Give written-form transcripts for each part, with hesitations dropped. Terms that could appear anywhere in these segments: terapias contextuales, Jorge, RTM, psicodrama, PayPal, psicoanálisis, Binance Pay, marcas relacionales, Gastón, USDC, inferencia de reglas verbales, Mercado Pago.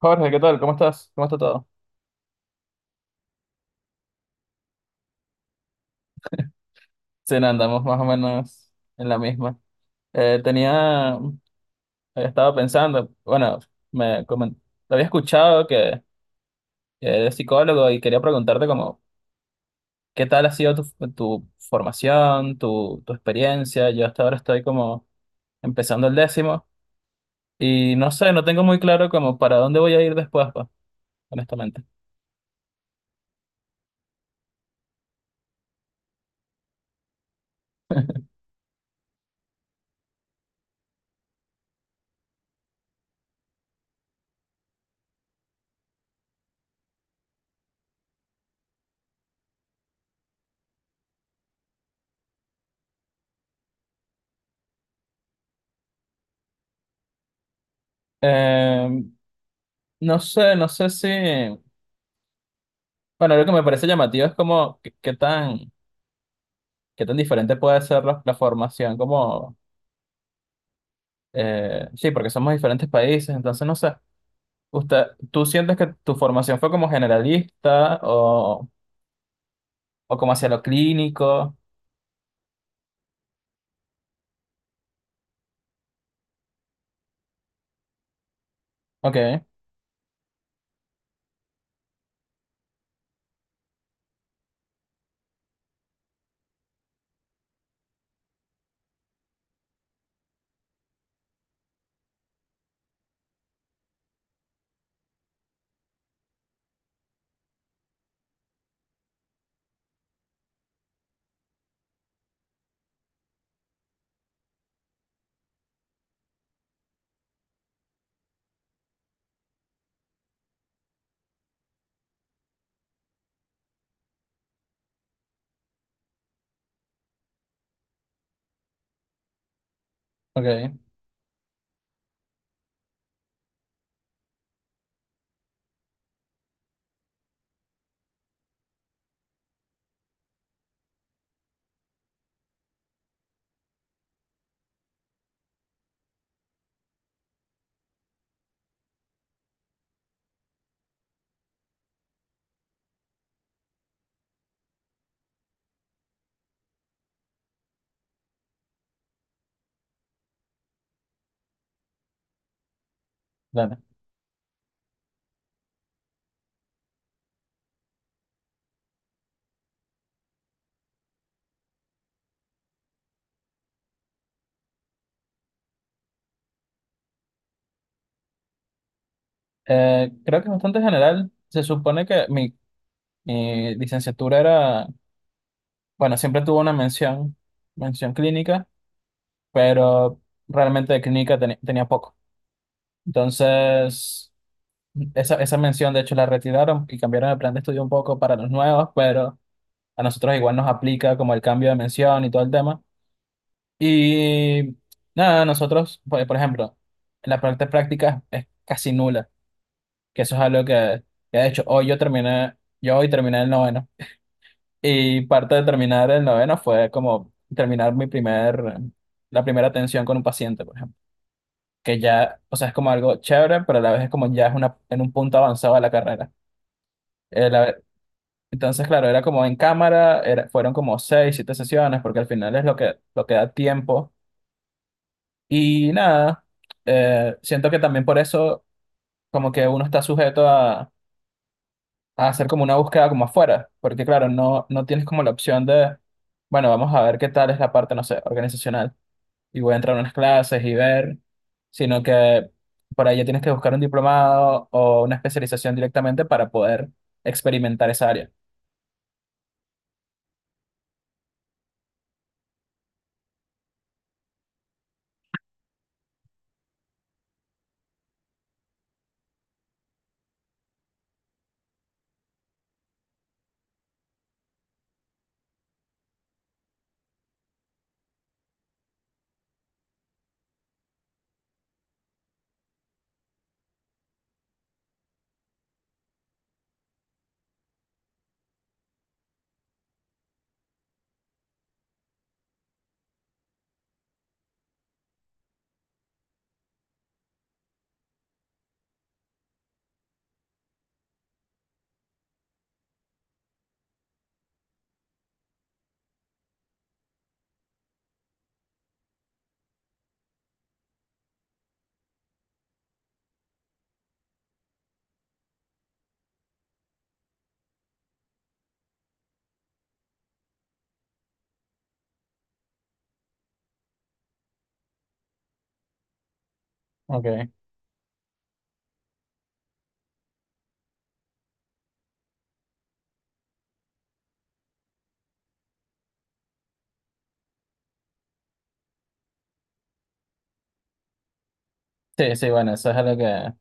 Jorge, ¿qué tal? ¿Cómo estás? ¿Cómo está todo? Sí, no, andamos más o menos en la misma. Eh, tenía, estaba pensando, bueno, me comen- te había escuchado que eres psicólogo y quería preguntarte como, ¿qué tal ha sido tu formación, tu experiencia? Yo hasta ahora estoy como empezando el décimo y no sé, no tengo muy claro como para dónde voy a ir después, pues, honestamente. Eh, no sé si, bueno, lo que me parece llamativo es como, ¿ qué tan diferente puede ser la formación como, sí, porque somos diferentes países, entonces no sé, usted, ¿tú sientes que tu formación fue como generalista o como hacia lo clínico? Ok, ok, dale. Creo que es bastante general. Se supone que mi licenciatura era, bueno, siempre tuvo una mención, clínica, pero realmente de clínica tenía poco. Entonces. Esa mención, de hecho, la retiraron y cambiaron el plan de estudio un poco para los nuevos, pero a nosotros igual nos aplica como el cambio de mención y todo el tema. Y nada, nosotros, por ejemplo, la parte práctica es casi nula, que eso es algo que de hecho yo hoy terminé el noveno. Y parte de terminar el noveno fue como terminar la primera atención con un paciente, por ejemplo que ya, o sea, es como algo chévere, pero a la vez es como ya en un punto avanzado de la carrera. Eh, la- Entonces, claro, era como en cámara, fueron como seis, siete sesiones, porque al final es lo que da tiempo. Y nada, siento que también por eso como que uno está sujeto a, hacer como una búsqueda como afuera, porque claro, no, no tienes como la opción de, bueno, vamos a ver qué tal es la parte, no sé, organizacional, y voy a entrar a unas clases y ver, sino que por ahí ya tienes que buscar un diplomado o una especialización directamente para poder experimentar esa área. Ok. Sí, sí, bueno, eso es algo que.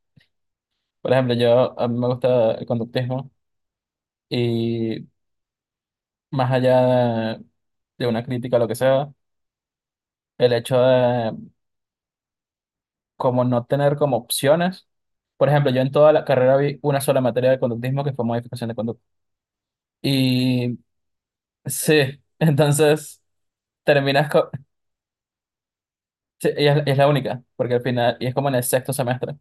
Por ejemplo, yo a mí me gusta el conductismo y más allá de una crítica, a lo que sea, el hecho de como no tener como opciones. Por ejemplo, yo en toda la carrera vi una sola materia de conductismo que fue modificación de conducta. Y sí, entonces terminas co- sí, y es la única, porque al final, y es como en el sexto semestre.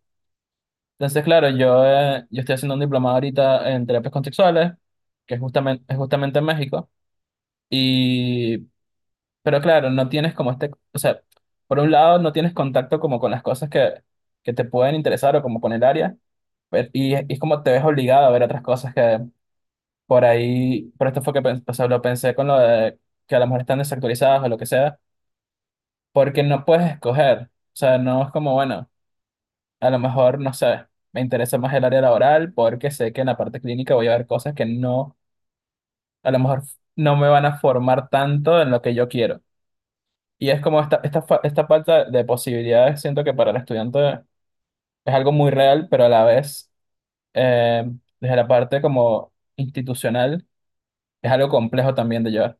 Entonces, claro, yo estoy haciendo un diplomado ahorita en terapias contextuales, que es justamente en México. y Pero claro, no tienes como este, o sea, por un lado no tienes contacto como con las cosas que te pueden interesar o como con el área, y es como te ves obligado a ver otras cosas que por ahí, por esto fue o sea, lo pensé con lo de que a lo mejor están desactualizadas o lo que sea, porque no puedes escoger, o sea, no es como, bueno, a lo mejor, no sé, me interesa más el área laboral porque sé que en la parte clínica voy a ver cosas que no, a lo mejor no me van a formar tanto en lo que yo quiero. Y es como esta falta de posibilidades, siento que para el estudiante es algo muy real, pero a la vez, eh, desde la parte como institucional, es algo complejo también de llevar.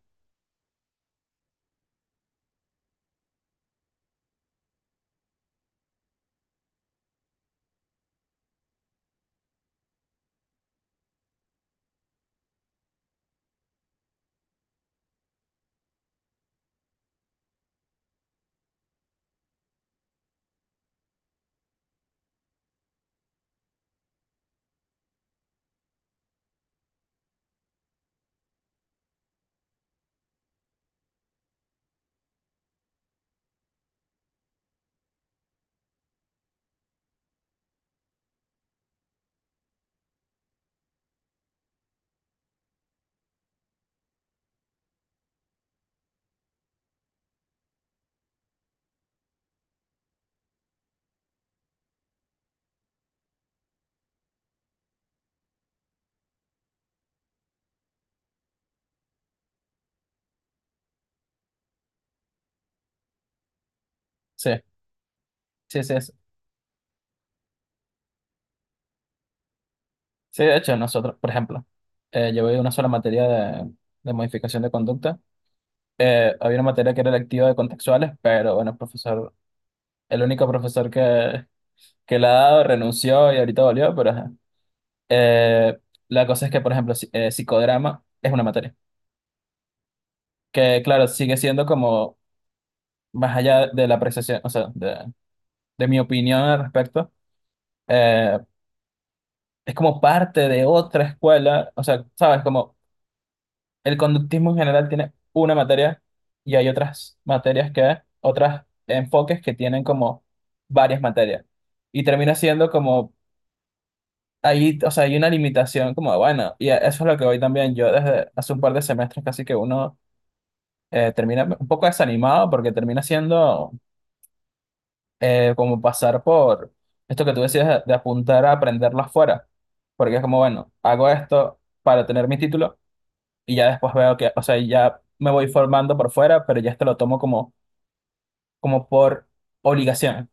Sí, sí, sí. Sí, sí, de hecho, nosotros, por ejemplo, llevé una sola materia de modificación de conducta. Había una materia que era electiva de contextuales, pero bueno, el único profesor que la ha dado renunció y ahorita volvió, pero ajá. Eh, la cosa es que, por ejemplo, psicodrama es una materia que claro, sigue siendo como más allá de la apreciación, o sea, de mi opinión al respecto, eh, es como parte de otra escuela, o sea, sabes, como el conductismo en general tiene una materia y hay otras materias otros enfoques que tienen como varias materias. Y termina siendo como, ahí, o sea, hay una limitación como, bueno, y eso es lo que hoy también yo desde hace un par de semestres casi que uno termina un poco desanimado porque termina siendo como pasar por esto que tú decías de apuntar a aprenderlo afuera, porque es como, bueno, hago esto para tener mi título y ya después veo que, o sea, ya me voy formando por fuera, pero ya esto lo tomo como, como por obligación.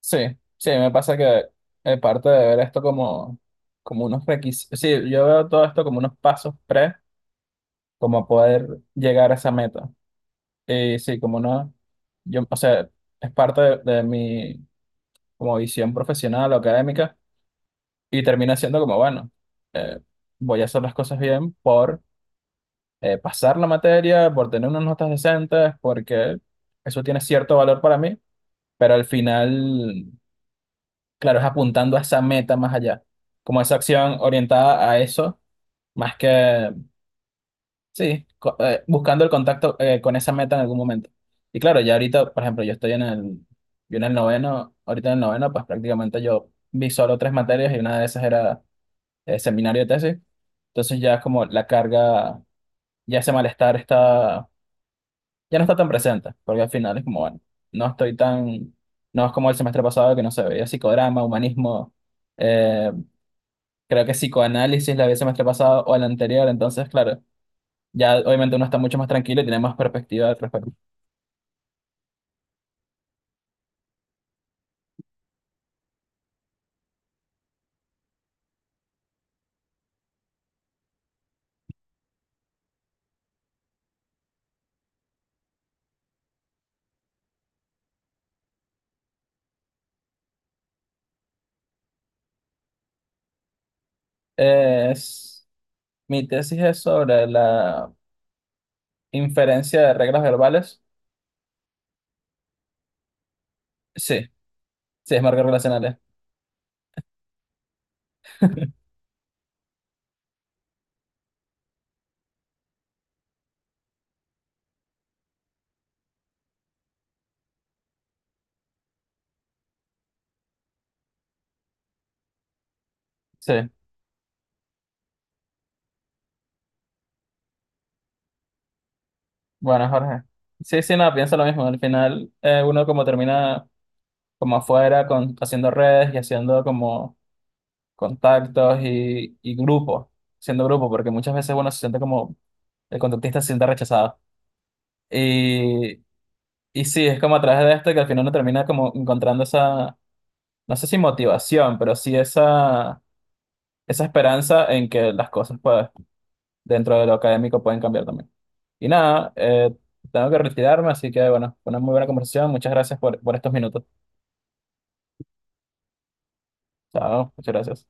Sí, sí, me pasa que parte de ver esto como, como unos requisitos, sí, yo veo todo esto como unos pasos como poder llegar a esa meta. Y sí, como no, yo, o sea, es parte de mi como visión profesional o académica. Y termina siendo como, bueno, eh, voy a hacer las cosas bien por pasar la materia, por tener unas notas decentes, porque eso tiene cierto valor para mí, pero al final, claro, es apuntando a esa meta más allá, como esa acción orientada a eso, más que, sí, buscando el contacto con esa meta en algún momento. Y claro, ya ahorita, por ejemplo, yo en el noveno, ahorita en el noveno, pues prácticamente yo vi solo tres materias y una de esas era seminario de tesis. Entonces ya es como la carga ya ese malestar está, ya no está tan presente, porque al final es como, bueno, no estoy tan, no es como el semestre pasado que no se veía psicodrama, humanismo, eh, creo que psicoanálisis la había el semestre pasado o el anterior, entonces claro, ya obviamente uno está mucho más tranquilo y tiene más perspectiva al respecto. Es, mi tesis es sobre la inferencia de reglas verbales. Sí, sí, es marcas relacionales. Sí, bueno, Jorge. Sí, sí, no, pienso lo mismo. Al final, uno como termina como afuera, haciendo redes y haciendo como contactos y grupos, siendo grupo, porque muchas veces uno se siente como, el contactista se siente rechazado. Y, y, sí, es como a través de esto que al final uno termina como encontrando esa, no sé si motivación, pero sí esa esperanza en que las cosas pues, dentro de lo académico pueden cambiar también. Y nada, tengo que retirarme, así que bueno, fue una muy buena conversación. Muchas gracias por estos minutos. Chao, muchas gracias.